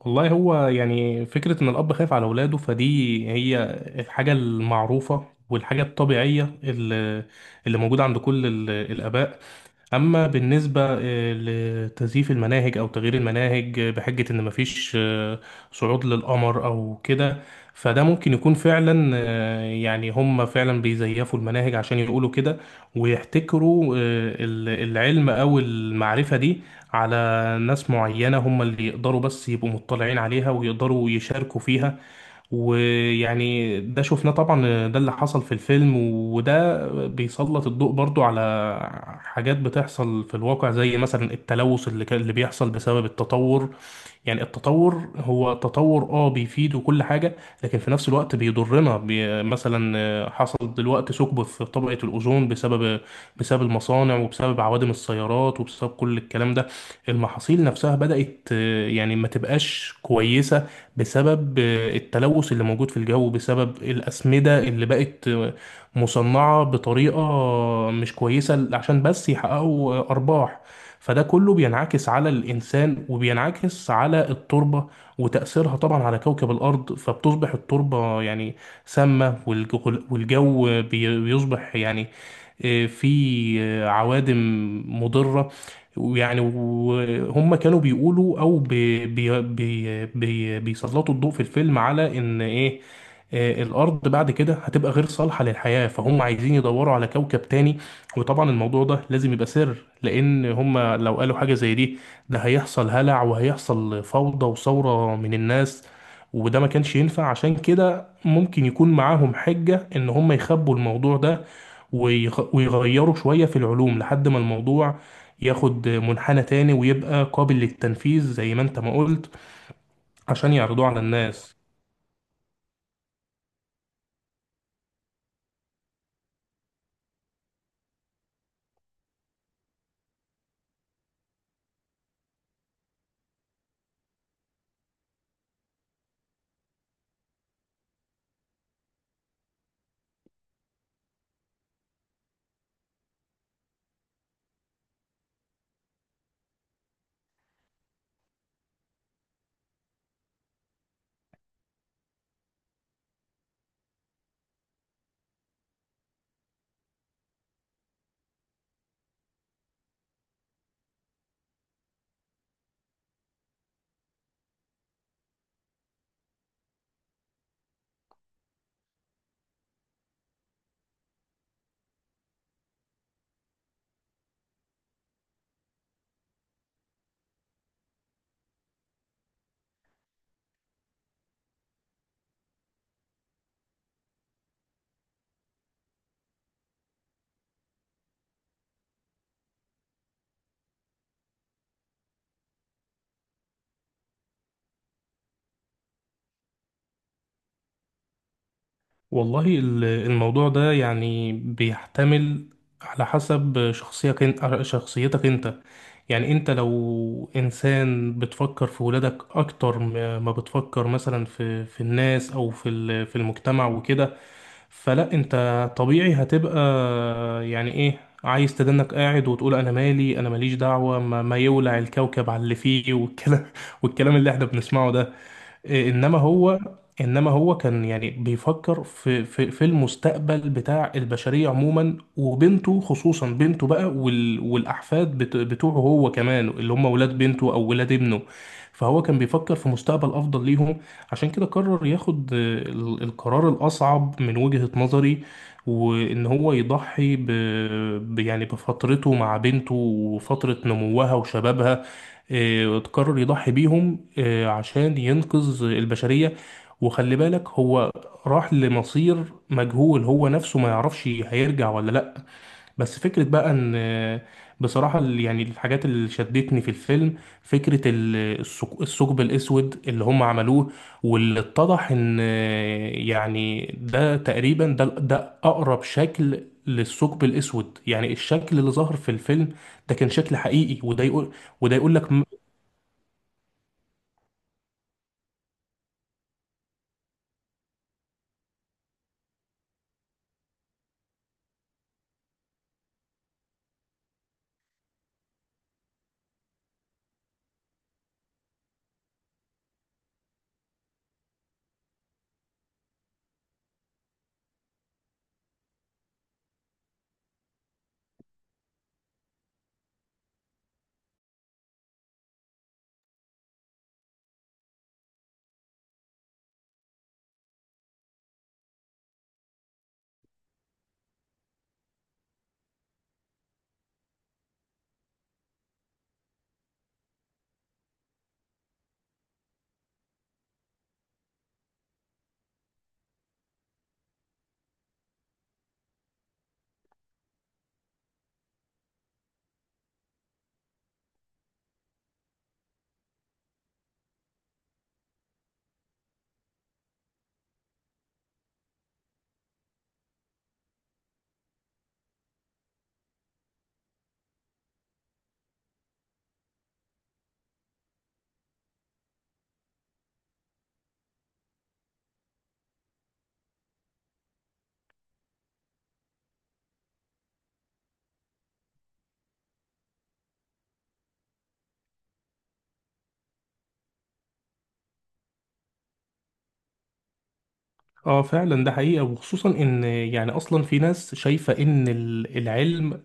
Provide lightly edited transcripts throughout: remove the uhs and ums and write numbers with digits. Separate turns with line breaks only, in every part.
والله هو يعني فكرة إن الأب خايف على أولاده فدي هي الحاجة المعروفة والحاجة الطبيعية اللي موجودة عند كل الآباء. أما بالنسبة لتزييف المناهج أو تغيير المناهج، بحجة إن مفيش صعود للقمر أو كده، فده ممكن يكون فعلا، يعني هم فعلا بيزيفوا المناهج عشان يقولوا كده، ويحتكروا العلم أو المعرفة دي على ناس معينة هم اللي يقدروا بس يبقوا مطلعين عليها ويقدروا يشاركوا فيها. ويعني ده شفناه طبعا، ده اللي حصل في الفيلم، وده بيسلط الضوء برضو على حاجات بتحصل في الواقع، زي مثلا التلوث اللي بيحصل بسبب التطور. يعني التطور هو تطور اه بيفيد وكل حاجة، لكن في نفس الوقت بيضرنا. مثلا، حصل دلوقتي ثقب في طبقة الأوزون بسبب، بسبب المصانع وبسبب عوادم السيارات وبسبب كل الكلام ده. المحاصيل نفسها بدأت، يعني ما تبقاش كويسة بسبب، التلوث اللي موجود في الجو، بسبب الأسمدة اللي بقت مصنعة بطريقة مش كويسة عشان بس يحققوا أرباح. فده كله بينعكس على الإنسان وبينعكس على التربة وتأثيرها طبعا على كوكب الأرض. فبتصبح التربة يعني سامة، والجو بيصبح يعني في عوادم مضرة. ويعني وهم كانوا بيقولوا او بي بي بي بي بيسلطوا الضوء في الفيلم على ان ايه، الارض بعد كده هتبقى غير صالحة للحياة، فهم عايزين يدوروا على كوكب تاني. وطبعا الموضوع ده لازم يبقى سر، لان هم لو قالوا حاجة زي دي، ده هيحصل هلع وهيحصل فوضى وثورة من الناس، وده ما كانش ينفع. عشان كده ممكن يكون معاهم حجة ان هم يخبوا الموضوع ده ويغيروا شوية في العلوم لحد ما الموضوع ياخد منحنى تاني ويبقى قابل للتنفيذ زي ما انت ما قلت، عشان يعرضوه على الناس. والله الموضوع ده يعني بيحتمل، على حسب شخصيتك انت، شخصيتك انت. يعني انت لو انسان بتفكر في ولادك اكتر ما بتفكر مثلا في الناس او في في المجتمع وكده، فلا انت طبيعي هتبقى يعني ايه، عايز تدنك قاعد وتقول انا مالي، انا ماليش دعوة، ما يولع الكوكب على اللي فيه والكلام والكلام اللي احنا بنسمعه ده. انما هو انما هو كان يعني بيفكر في في المستقبل بتاع البشريه عموما، وبنته خصوصا، بنته بقى والاحفاد بتوعه هو كمان، اللي هم ولاد بنته او ولاد ابنه. فهو كان بيفكر في مستقبل افضل ليهم، عشان كده قرر ياخد القرار الاصعب من وجهه نظري، وان هو يضحي يعني بفترته مع بنته وفتره نموها وشبابها. وتقرر يضحي بيهم، عشان ينقذ البشرية. وخلي بالك هو راح لمصير مجهول، هو نفسه ما يعرفش هيرجع ولا لأ. بس فكرة بقى ان بصراحة، يعني الحاجات اللي شدتني في الفيلم، فكرة الثقب الأسود اللي هم عملوه واللي اتضح ان، يعني ده تقريبا، ده أقرب شكل للثقب الأسود. يعني الشكل اللي ظهر في الفيلم ده كان شكل حقيقي. وده يقول، وده يقول لك اه فعلا ده حقيقة. وخصوصا ان يعني اصلا في ناس شايفة ان العلم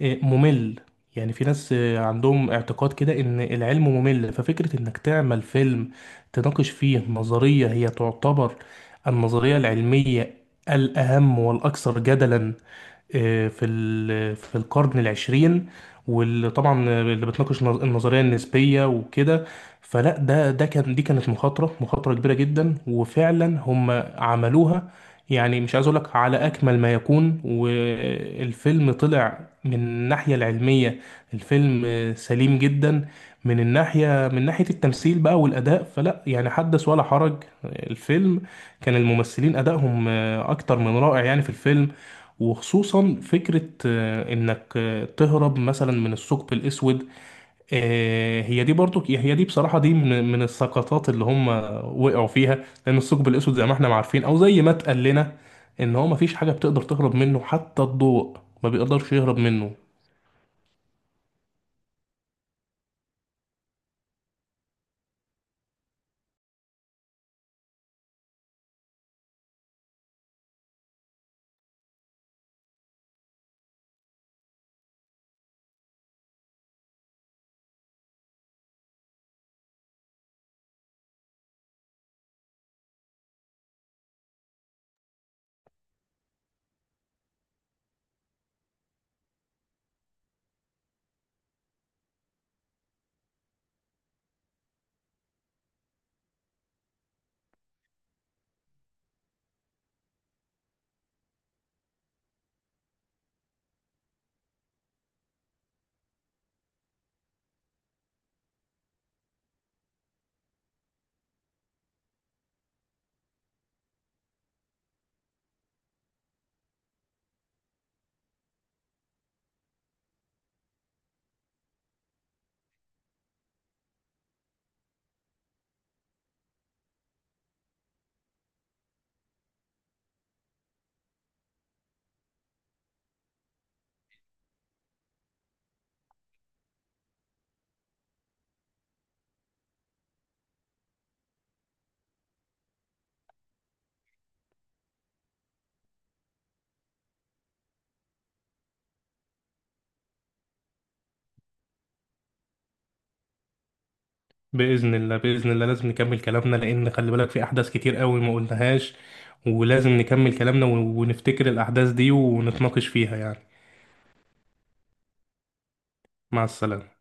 ممل، يعني في ناس عندهم اعتقاد كده ان العلم ممل. ففكرة انك تعمل فيلم تناقش فيه نظرية هي تعتبر النظرية العلمية الاهم والاكثر جدلا في في القرن العشرين، وطبعا اللي بتناقش النظريه النسبيه وكده، فلا ده ده كانت مخاطره، مخاطره كبيره جدا، وفعلا هم عملوها يعني. مش عايز اقول لك على اكمل ما يكون، والفيلم طلع من الناحيه العلميه، الفيلم سليم جدا. من الناحيه من ناحيه التمثيل بقى والاداء فلا يعني حدث ولا حرج. الفيلم كان الممثلين ادائهم اكتر من رائع يعني في الفيلم. وخصوصا فكرة انك تهرب مثلا من الثقب الاسود، هي دي بصراحة، دي من السقطات اللي هم وقعوا فيها، لان الثقب الاسود زي ما احنا ما عارفين، او زي ما اتقال لنا، ان هو ما فيش حاجة بتقدر تهرب منه، حتى الضوء ما بيقدرش يهرب منه. بإذن الله، بإذن الله لازم نكمل كلامنا، لأن خلي بالك في أحداث كتير قوي ما قلناهاش، ولازم نكمل كلامنا ونفتكر الأحداث دي ونتناقش فيها يعني. مع السلامة.